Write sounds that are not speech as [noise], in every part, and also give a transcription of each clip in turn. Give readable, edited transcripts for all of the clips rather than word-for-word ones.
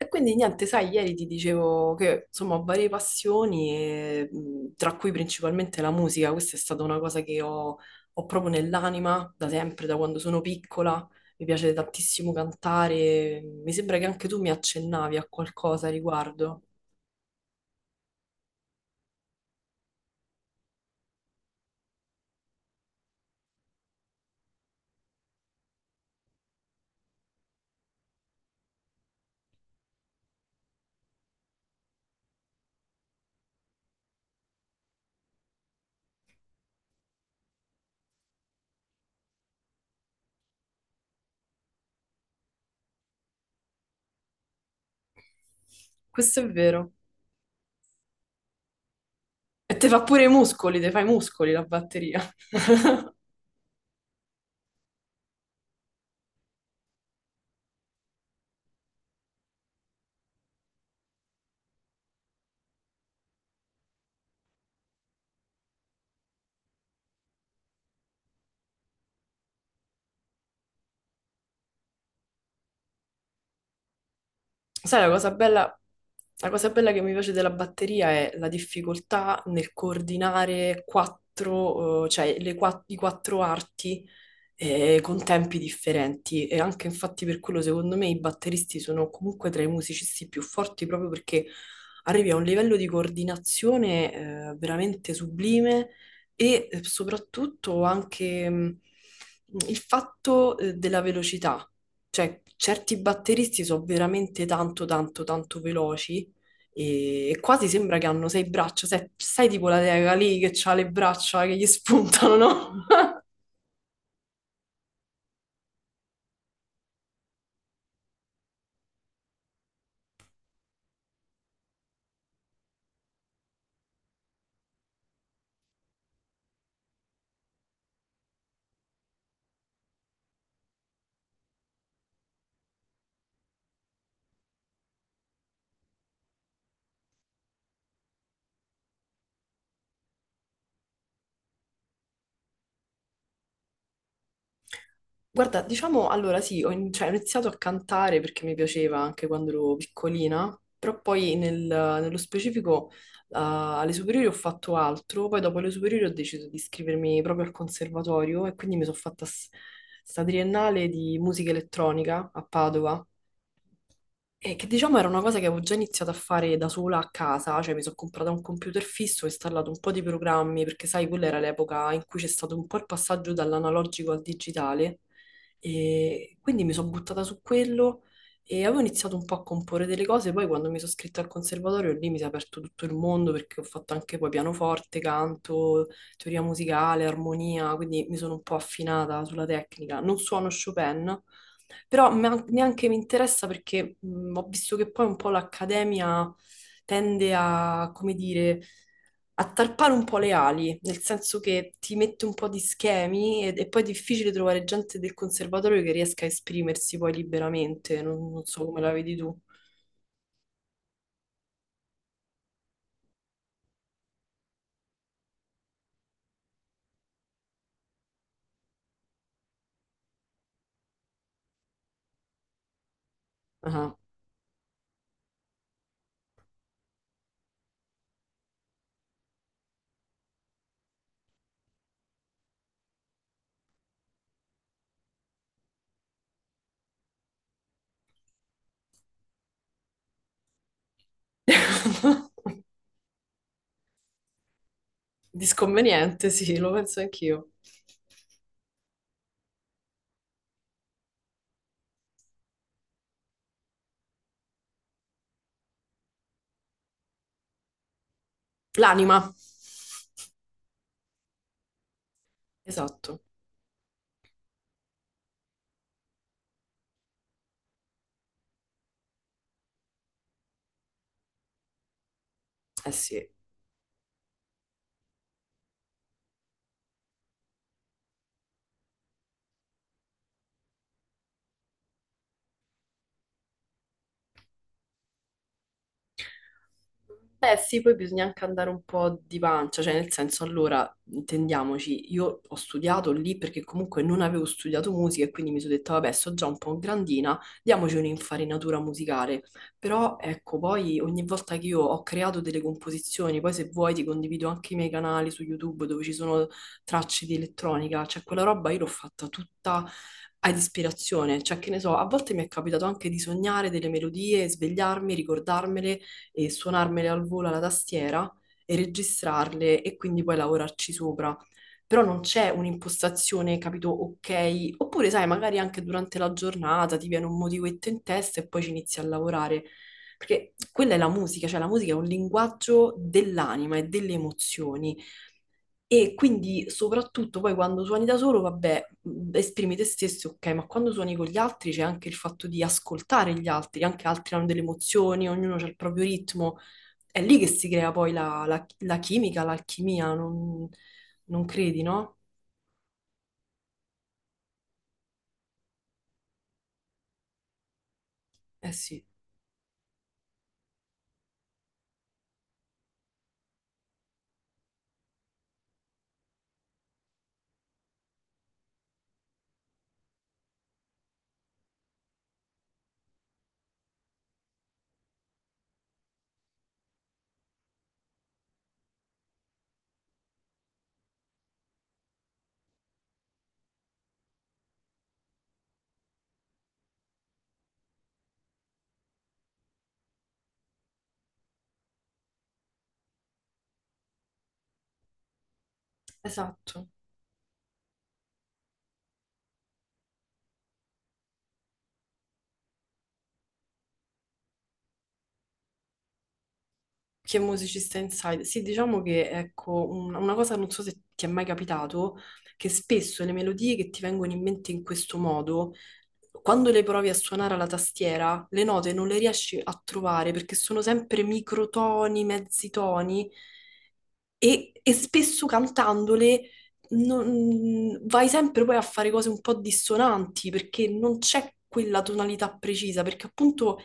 E quindi niente, sai, ieri ti dicevo che insomma ho varie passioni, e, tra cui principalmente la musica. Questa è stata una cosa che ho proprio nell'anima da sempre, da quando sono piccola. Mi piace tantissimo cantare. Mi sembra che anche tu mi accennavi a qualcosa a riguardo. Questo è vero. E te fa pure i muscoli, te fai i muscoli la batteria. [laughs] Sai, la cosa bella che mi piace della batteria è la difficoltà nel coordinare quattro, cioè i quattro arti, con tempi differenti. E anche infatti per quello, secondo me, i batteristi sono comunque tra i musicisti più forti proprio perché arrivi a un livello di coordinazione, veramente sublime e soprattutto anche, il fatto, della velocità. Cioè, certi batteristi sono veramente tanto, tanto, tanto veloci e quasi sembra che hanno sei braccia. Sai, sai tipo la teca lì che ha le braccia che gli spuntano, no? [laughs] Guarda, diciamo, allora sì, cioè, ho iniziato a cantare perché mi piaceva anche quando ero piccolina, però poi nello specifico alle superiori ho fatto altro, poi dopo le superiori ho deciso di iscrivermi proprio al conservatorio e quindi mi sono fatta sta triennale di musica elettronica a Padova. E che diciamo era una cosa che avevo già iniziato a fare da sola a casa, cioè mi sono comprata un computer fisso, ho installato un po' di programmi, perché sai, quella era l'epoca in cui c'è stato un po' il passaggio dall'analogico al digitale, e quindi mi sono buttata su quello e avevo iniziato un po' a comporre delle cose, poi quando mi sono iscritta al conservatorio lì mi si è aperto tutto il mondo perché ho fatto anche poi pianoforte, canto, teoria musicale, armonia, quindi mi sono un po' affinata sulla tecnica. Non suono Chopin, però neanche mi interessa perché ho visto che poi un po' l'Accademia tende a, come dire, a tarpare un po' le ali, nel senso che ti mette un po' di schemi e, poi è difficile trovare gente del conservatorio che riesca a esprimersi poi liberamente, non so come la vedi tu. Ah. [laughs] Disconveniente, sì, lo penso anch'io. L'anima, esatto. Eh sì. Beh, sì, poi bisogna anche andare un po' di pancia, cioè nel senso, allora, intendiamoci, io ho studiato lì perché comunque non avevo studiato musica e quindi mi sono detta, vabbè, sto già un po' grandina, diamoci un'infarinatura musicale. Però ecco, poi ogni volta che io ho creato delle composizioni, poi se vuoi ti condivido anche i miei canali su YouTube dove ci sono tracce di elettronica, cioè quella roba io l'ho fatta tutta ad ispirazione, cioè che ne so, a volte mi è capitato anche di sognare delle melodie, svegliarmi, ricordarmele e suonarmele al volo alla tastiera e registrarle e quindi poi lavorarci sopra. Però non c'è un'impostazione, capito, ok, oppure sai, magari anche durante la giornata ti viene un motivetto in testa e poi ci inizi a lavorare. Perché quella è la musica, cioè la musica è un linguaggio dell'anima e delle emozioni. E quindi soprattutto poi quando suoni da solo, vabbè, esprimi te stesso, ok, ma quando suoni con gli altri c'è anche il fatto di ascoltare gli altri, anche altri hanno delle emozioni, ognuno ha il proprio ritmo, è lì che si crea poi la chimica, l'alchimia, non credi, no? Eh sì, esatto. Che musicista inside? Sì, diciamo che ecco, una cosa non so se ti è mai capitato, che spesso le melodie che ti vengono in mente in questo modo, quando le provi a suonare alla tastiera, le note non le riesci a trovare perché sono sempre microtoni, mezzi toni e spesso cantandole vai sempre poi a fare cose un po' dissonanti perché non c'è quella tonalità precisa, perché appunto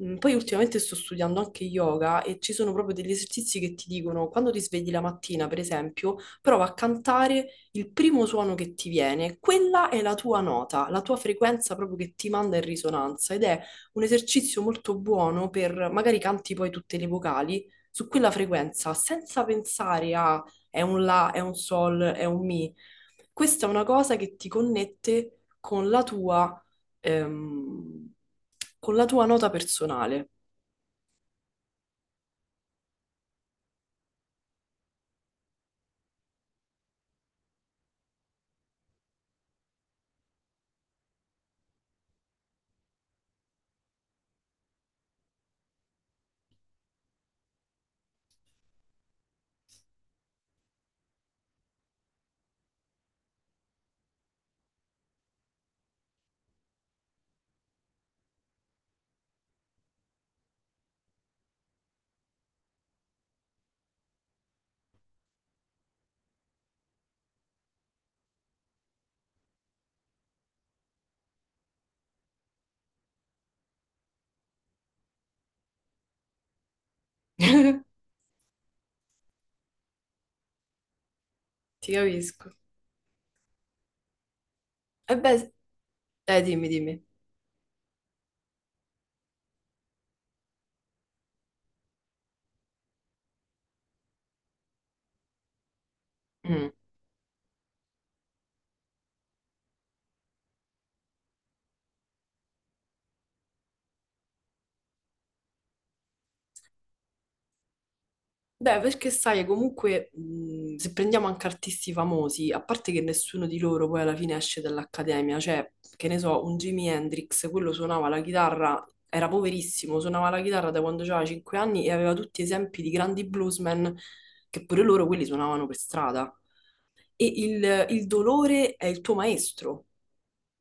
Poi ultimamente sto studiando anche yoga e ci sono proprio degli esercizi che ti dicono, quando ti svegli la mattina, per esempio, prova a cantare il primo suono che ti viene. Quella è la tua nota, la tua frequenza proprio che ti manda in risonanza ed è un esercizio molto buono per magari canti poi tutte le vocali su quella frequenza senza pensare a è un la, è un sol, è un mi. Questa è una cosa che ti connette con la tua ehm, con la tua nota personale. [laughs] Ti capisco. E beh, dimmi, dimmi. Mm. Beh, perché sai, comunque, se prendiamo anche artisti famosi, a parte che nessuno di loro poi alla fine esce dall'accademia, cioè, che ne so, un Jimi Hendrix, quello suonava la chitarra, era poverissimo, suonava la chitarra da quando aveva 5 anni e aveva tutti esempi di grandi bluesmen che pure loro quelli suonavano per strada. E il dolore è il tuo maestro.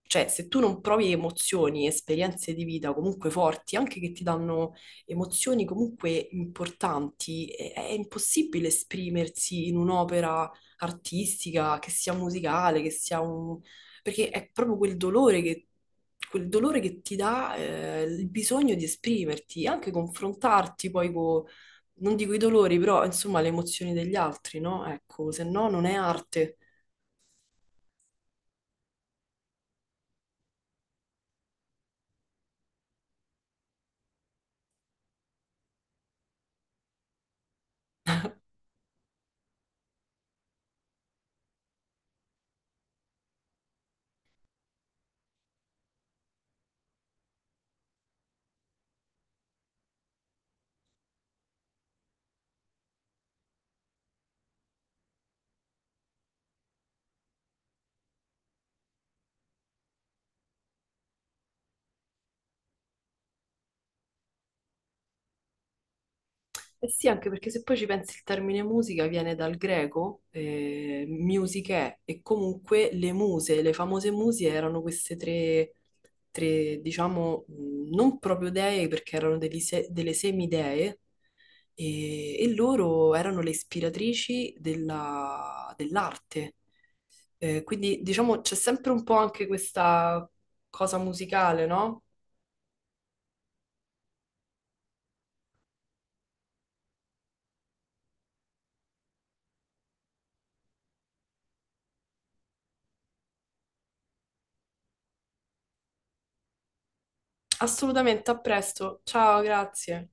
Cioè, se tu non provi emozioni, esperienze di vita comunque forti, anche che ti danno emozioni comunque importanti, è impossibile esprimersi in un'opera artistica, che sia musicale, che sia un... perché è proprio quel dolore che ti dà il bisogno di esprimerti, anche confrontarti poi con, non dico i dolori, però insomma le emozioni degli altri, no? Ecco, se no non è arte. Eh sì, anche perché se poi ci pensi il termine musica viene dal greco, music è, e comunque le muse, le famose muse erano queste tre, tre, diciamo, non proprio dee perché erano degli se- delle semidee, e loro erano le ispiratrici dell'arte. Quindi diciamo c'è sempre un po' anche questa cosa musicale, no? Assolutamente, a presto. Ciao, grazie.